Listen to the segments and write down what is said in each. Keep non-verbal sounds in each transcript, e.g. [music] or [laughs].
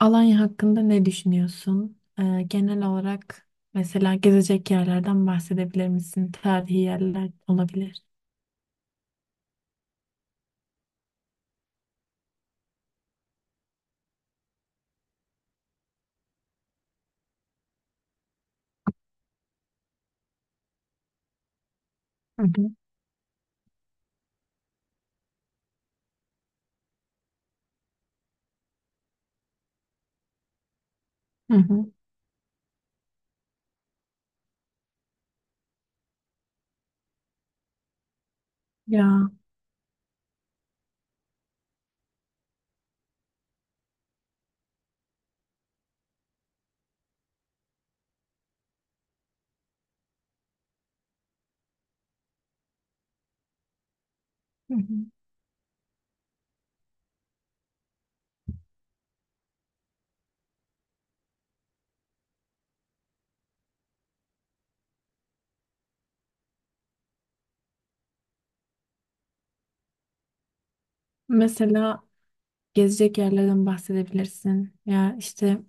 Alanya hakkında ne düşünüyorsun? Genel olarak mesela gezecek yerlerden bahsedebilir misin? Tarihi yerler olabilir. Hı hı. Hı hı. Ya, hı hı, mesela gezecek yerlerden bahsedebilirsin. Ya işte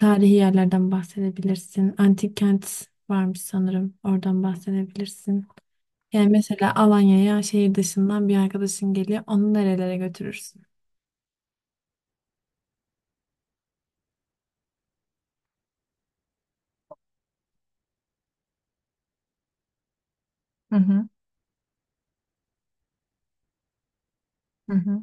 tarihi yerlerden bahsedebilirsin. Antik kent varmış sanırım. Oradan bahsedebilirsin. Yani mesela Alanya'ya şehir dışından bir arkadaşın geliyor. Onu nerelere götürürsün? Hı hı. Hı hı.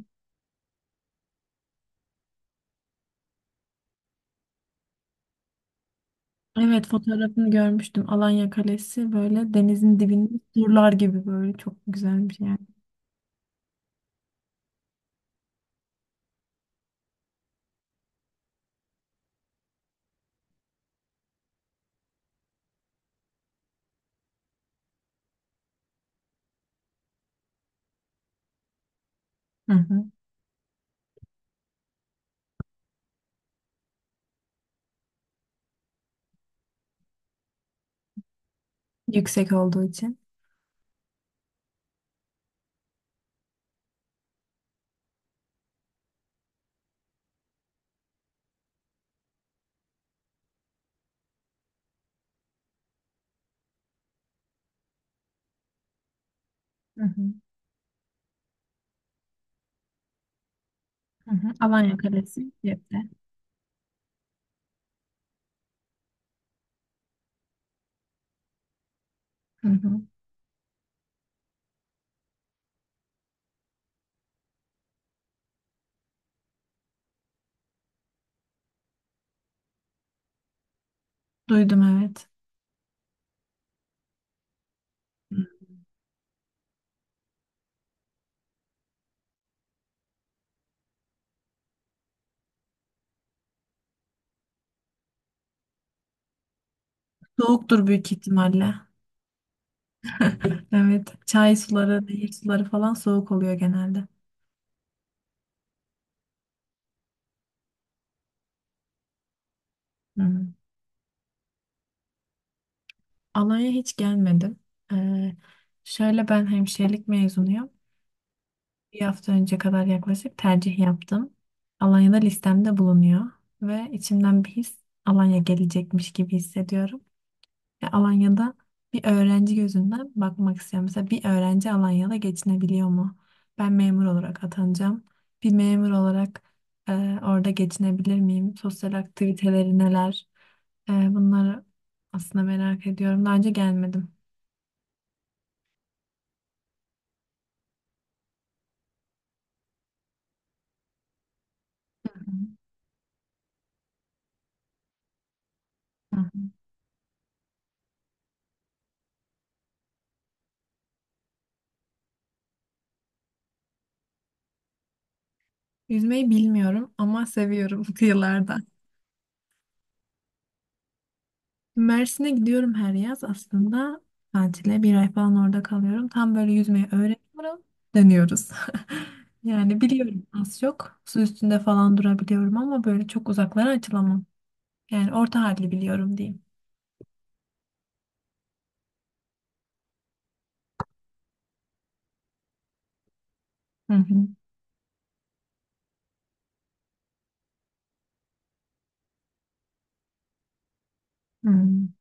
Evet, fotoğrafını görmüştüm. Alanya Kalesi böyle denizin dibinde surlar gibi böyle çok güzelmiş yani. Hı hı. Yüksek olduğu için. Hı hı. Hı hı. Alanya Kalesi Cep'te. Hı hı. Duydum, evet. Soğuktur büyük ihtimalle. Evet. Çay suları, nehir suları falan soğuk oluyor genelde. Hmm. Alanya hiç gelmedim. Ee, Şöyle, ben hemşirelik mezunuyum. Bir hafta önce kadar yaklaşık tercih yaptım. Alanya'da listemde bulunuyor ve içimden bir his Alanya gelecekmiş gibi hissediyorum. Ya Alanya'da bir öğrenci gözünden bakmak istiyorum. Mesela bir öğrenci Alanya'da geçinebiliyor mu? Ben memur olarak atanacağım. Bir memur olarak e, orada geçinebilir miyim? Sosyal aktiviteleri neler? Bunları aslında merak ediyorum. Daha önce gelmedim. Hı hı. Yüzmeyi bilmiyorum ama seviyorum [laughs] kıyılarda. Mersin'e gidiyorum her yaz aslında tatile. Bir ay falan orada kalıyorum. Tam böyle yüzmeyi öğreniyorum. Dönüyoruz. [laughs] Yani biliyorum az çok. Su üstünde falan durabiliyorum ama böyle çok uzaklara açılamam. Yani orta halli biliyorum diyeyim. Hı hı. Hmm.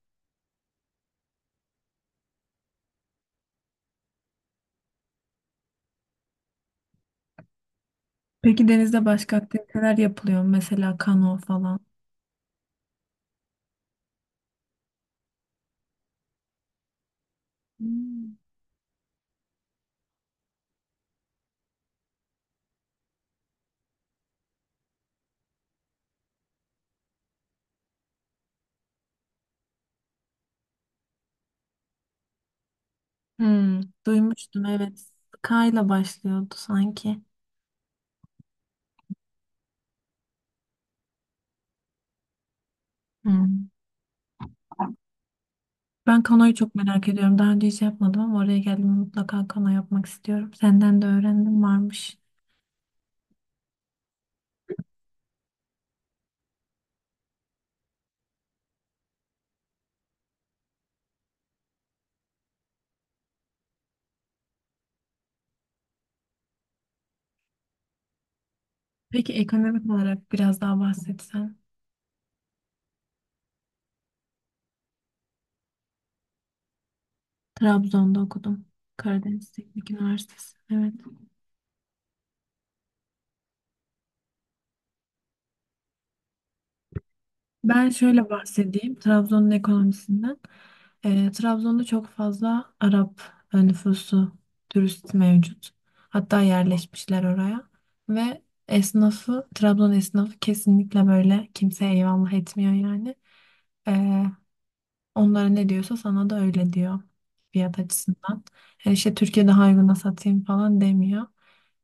Peki denizde başka aktiviteler yapılıyor mu? Mesela kano falan. Hmm. Hmm. Duymuştum, evet. Kayla başlıyordu sanki. Ben kanoyu çok merak ediyorum. Daha önce hiç yapmadım ama oraya geldiğimde mutlaka kano yapmak istiyorum. Senden de öğrendim varmış. Peki ekonomik olarak biraz daha bahsetsen. Trabzon'da okudum. Karadeniz Teknik Üniversitesi. Evet. Ben şöyle bahsedeyim Trabzon'un ekonomisinden. Trabzon'da çok fazla Arap nüfusu, turist mevcut. Hatta yerleşmişler oraya. Ve esnafı, Trabzon esnafı kesinlikle böyle kimseye eyvallah etmiyor yani. Ee, Onlara ne diyorsa sana da öyle diyor fiyat açısından. Yani işte Türkiye'de uyguna satayım falan demiyor.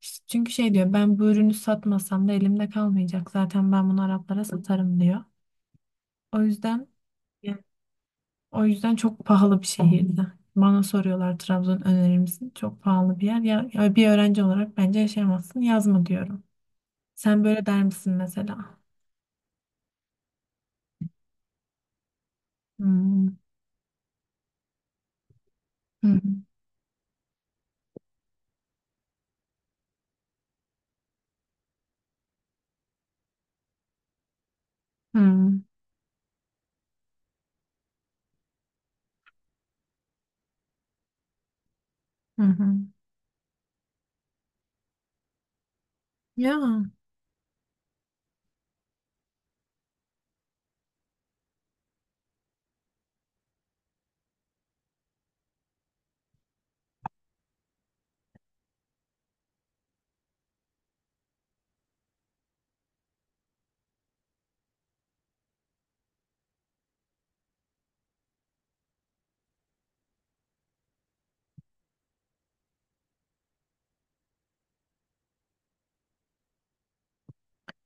İşte çünkü şey diyor, ben bu ürünü satmasam da elimde kalmayacak. Zaten ben bunu Araplara satarım diyor. O yüzden yani o yüzden çok pahalı bir şehirdi. Bana soruyorlar, Trabzon önerir misin? Çok pahalı bir yer. Ya, bir öğrenci olarak bence yaşayamazsın. Yazma diyorum. Sen böyle der misin mesela? Hmm. Hı hı. Hı hı. Hı hı. Ya.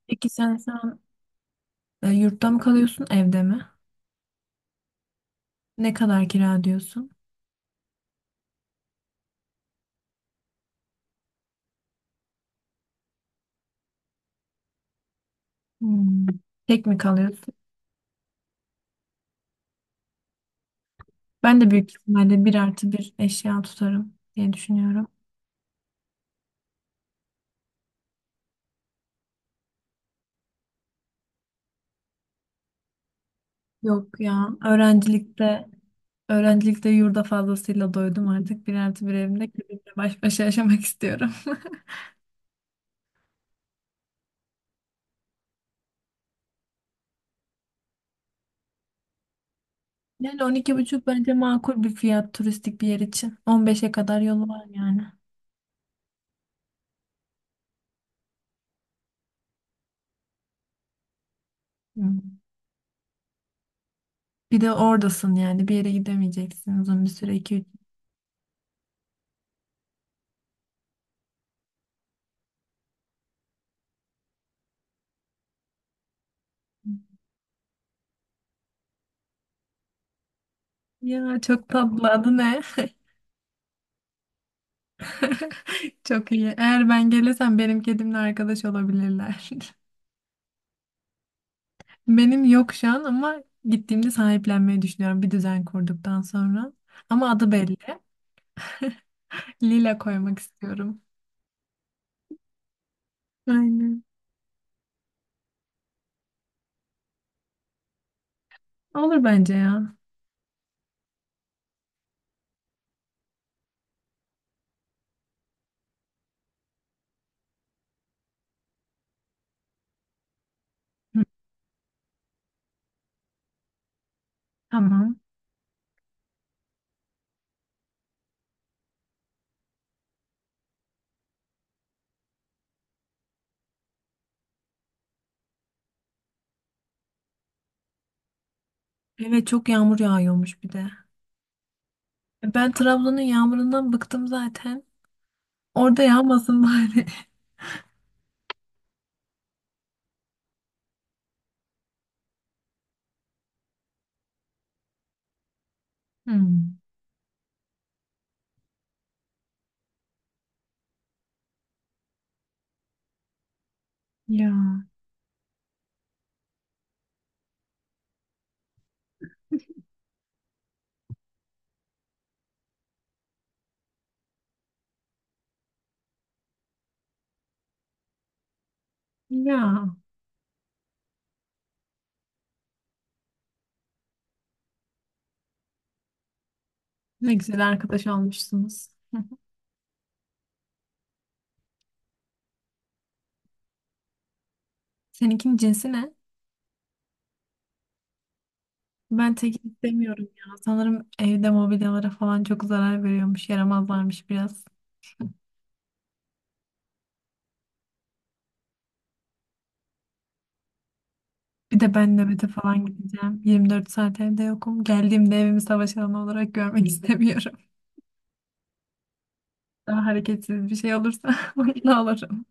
Peki, sen yurtta mı kalıyorsun, evde mi? Ne kadar kira diyorsun? Hmm. Tek mi kalıyorsun? Ben de büyük ihtimalle bir artı bir eşya tutarım diye düşünüyorum. Yok ya, öğrencilikte yurda fazlasıyla doydum artık. Bir artı bir evimde kendimle baş başa yaşamak istiyorum. [laughs] Yani 12,5 bence makul bir fiyat turistik bir yer için. 15'e kadar yolu var yani. Hmm. Bir de oradasın, yani bir yere gidemeyeceksin uzun bir süre, iki üç. Ya çok tatlı, adı ne? [laughs] [laughs] Çok iyi. Eğer ben gelirsem benim kedimle arkadaş olabilirler. [laughs] Benim yok şu an ama gittiğimde sahiplenmeyi düşünüyorum bir düzen kurduktan sonra. Ama adı belli. [laughs] Lila koymak istiyorum. Aynen. Olur bence ya. Hı, tamam. Evet, çok yağmur yağıyormuş bir de. Ben Trabzon'un yağmurundan bıktım zaten. Orada yağmasın bari. [laughs] Hmm. Ya. Ya. Ne güzel arkadaş olmuşsunuz. Seninkinin cinsi ne? Ben tek istemiyorum ya. Sanırım evde mobilyalara falan çok zarar veriyormuş. Yaramazlarmış biraz. Bir de ben nöbete falan gideceğim. 24 saat evde yokum. Geldiğimde evimi savaş alanı olarak görmek [laughs] istemiyorum. Daha hareketsiz bir şey olursa [laughs] mutlu olurum.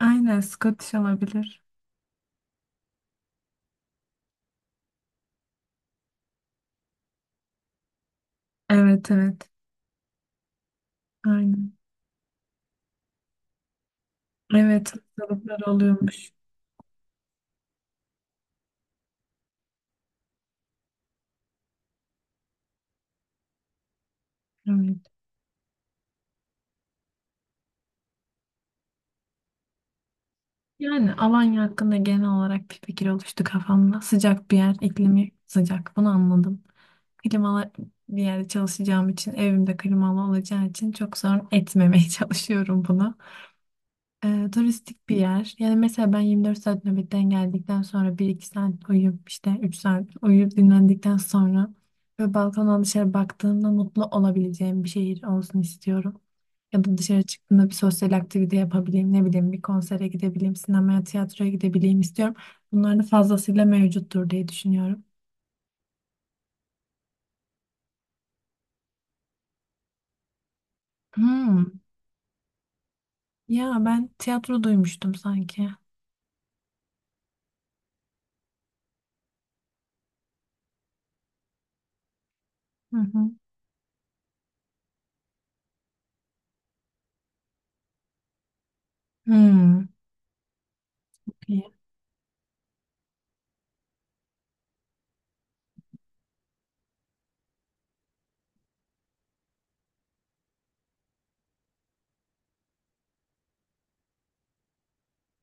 Aynen, Scottish olabilir. Evet, evet. Aynen. Evet, hastalıklar oluyormuş. Evet. Yani Alanya hakkında genel olarak bir fikir oluştu kafamda. Sıcak bir yer, iklimi sıcak. Bunu anladım. Klimalı bir yerde çalışacağım için, evimde klimalı olacağı için çok sorun etmemeye [laughs] çalışıyorum bunu. Turistik bir yer. Yani mesela ben 24 saat nöbetten geldikten sonra bir iki saat uyuyup işte 3 saat uyuyup dinlendikten sonra ve balkondan dışarı baktığımda mutlu olabileceğim bir şehir olsun istiyorum. Ya da dışarı çıktığımda bir sosyal aktivite yapabileyim, ne bileyim, bir konsere gidebileyim, sinemaya, tiyatroya gidebileyim istiyorum. Bunlar da fazlasıyla mevcuttur diye düşünüyorum. Hmm. Ya ben tiyatro duymuştum sanki. Hı hı. Hmm. İyi.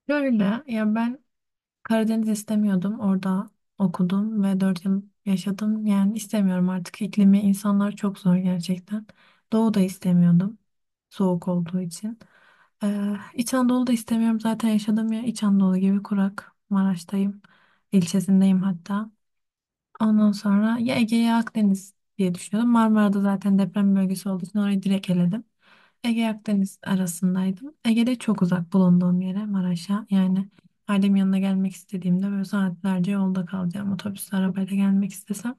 Şöyle, ya ben Karadeniz istemiyordum. Orada okudum ve 4 yıl yaşadım. Yani istemiyorum artık. İklimi, insanlar çok zor gerçekten. Doğu da istemiyordum. Soğuk olduğu için. İç Anadolu'da istemiyorum. Zaten yaşadığım yer İç Anadolu gibi kurak. Maraş'tayım. İlçesindeyim hatta. Ondan sonra ya Ege ya Akdeniz diye düşünüyordum. Marmara'da zaten deprem bölgesi olduğu için orayı direkt eledim. Ege Akdeniz arasındaydım. Ege'de çok uzak bulunduğum yere, Maraş'a. Yani ailemin yanına gelmek istediğimde böyle saatlerce yolda kalacağım. Otobüsle, arabayla gelmek istesem.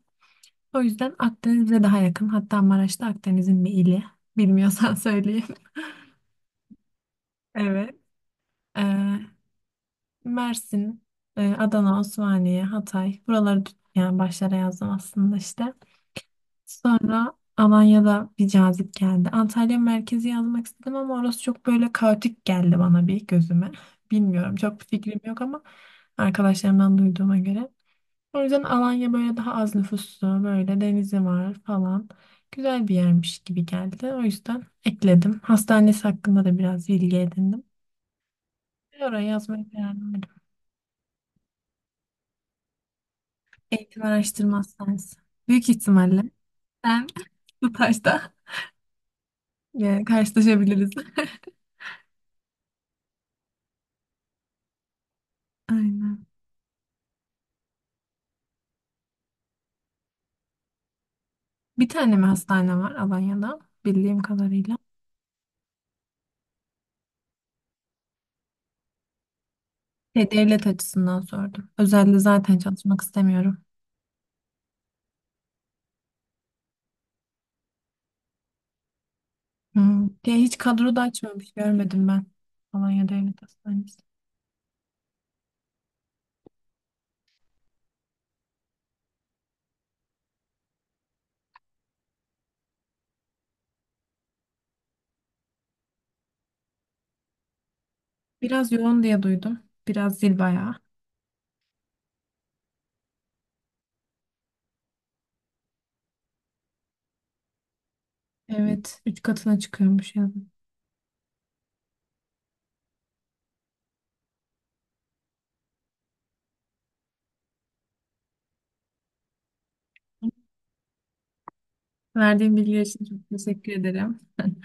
O yüzden Akdeniz bize daha yakın. Hatta Maraş'ta Akdeniz'in bir ili. Bilmiyorsan [laughs] söyleyeyim. Evet. Ee, Mersin, Adana, Osmaniye, Hatay. Buraları yani başlara yazdım aslında işte. Sonra Alanya'da bir cazip geldi. Antalya merkezi yazmak istedim ama orası çok böyle kaotik geldi bana bir gözüme. Bilmiyorum, çok bir fikrim yok ama arkadaşlarımdan duyduğuma göre. O yüzden Alanya böyle daha az nüfuslu, böyle denizi var falan. Güzel bir yermiş gibi geldi. O yüzden ekledim. Hastanesi hakkında da biraz bilgi edindim. Ve oraya yazmaya karar verdim. Eğitim Araştırma Hastanesi. Büyük ihtimalle sen [laughs] bu taşta karşılaşabiliriz. [laughs] Aynen. Bir tane mi hastane var Alanya'da bildiğim kadarıyla? Şey, devlet açısından sordum. Özelde zaten çalışmak istemiyorum. Hmm. Diye hiç kadro da açmamış, görmedim ben. Alanya Devlet Hastanesi. Biraz yoğun diye duydum. Biraz zil bayağı. Evet, 3 katına çıkıyormuş yazın. Verdiğim bilgi için çok teşekkür ederim. [laughs]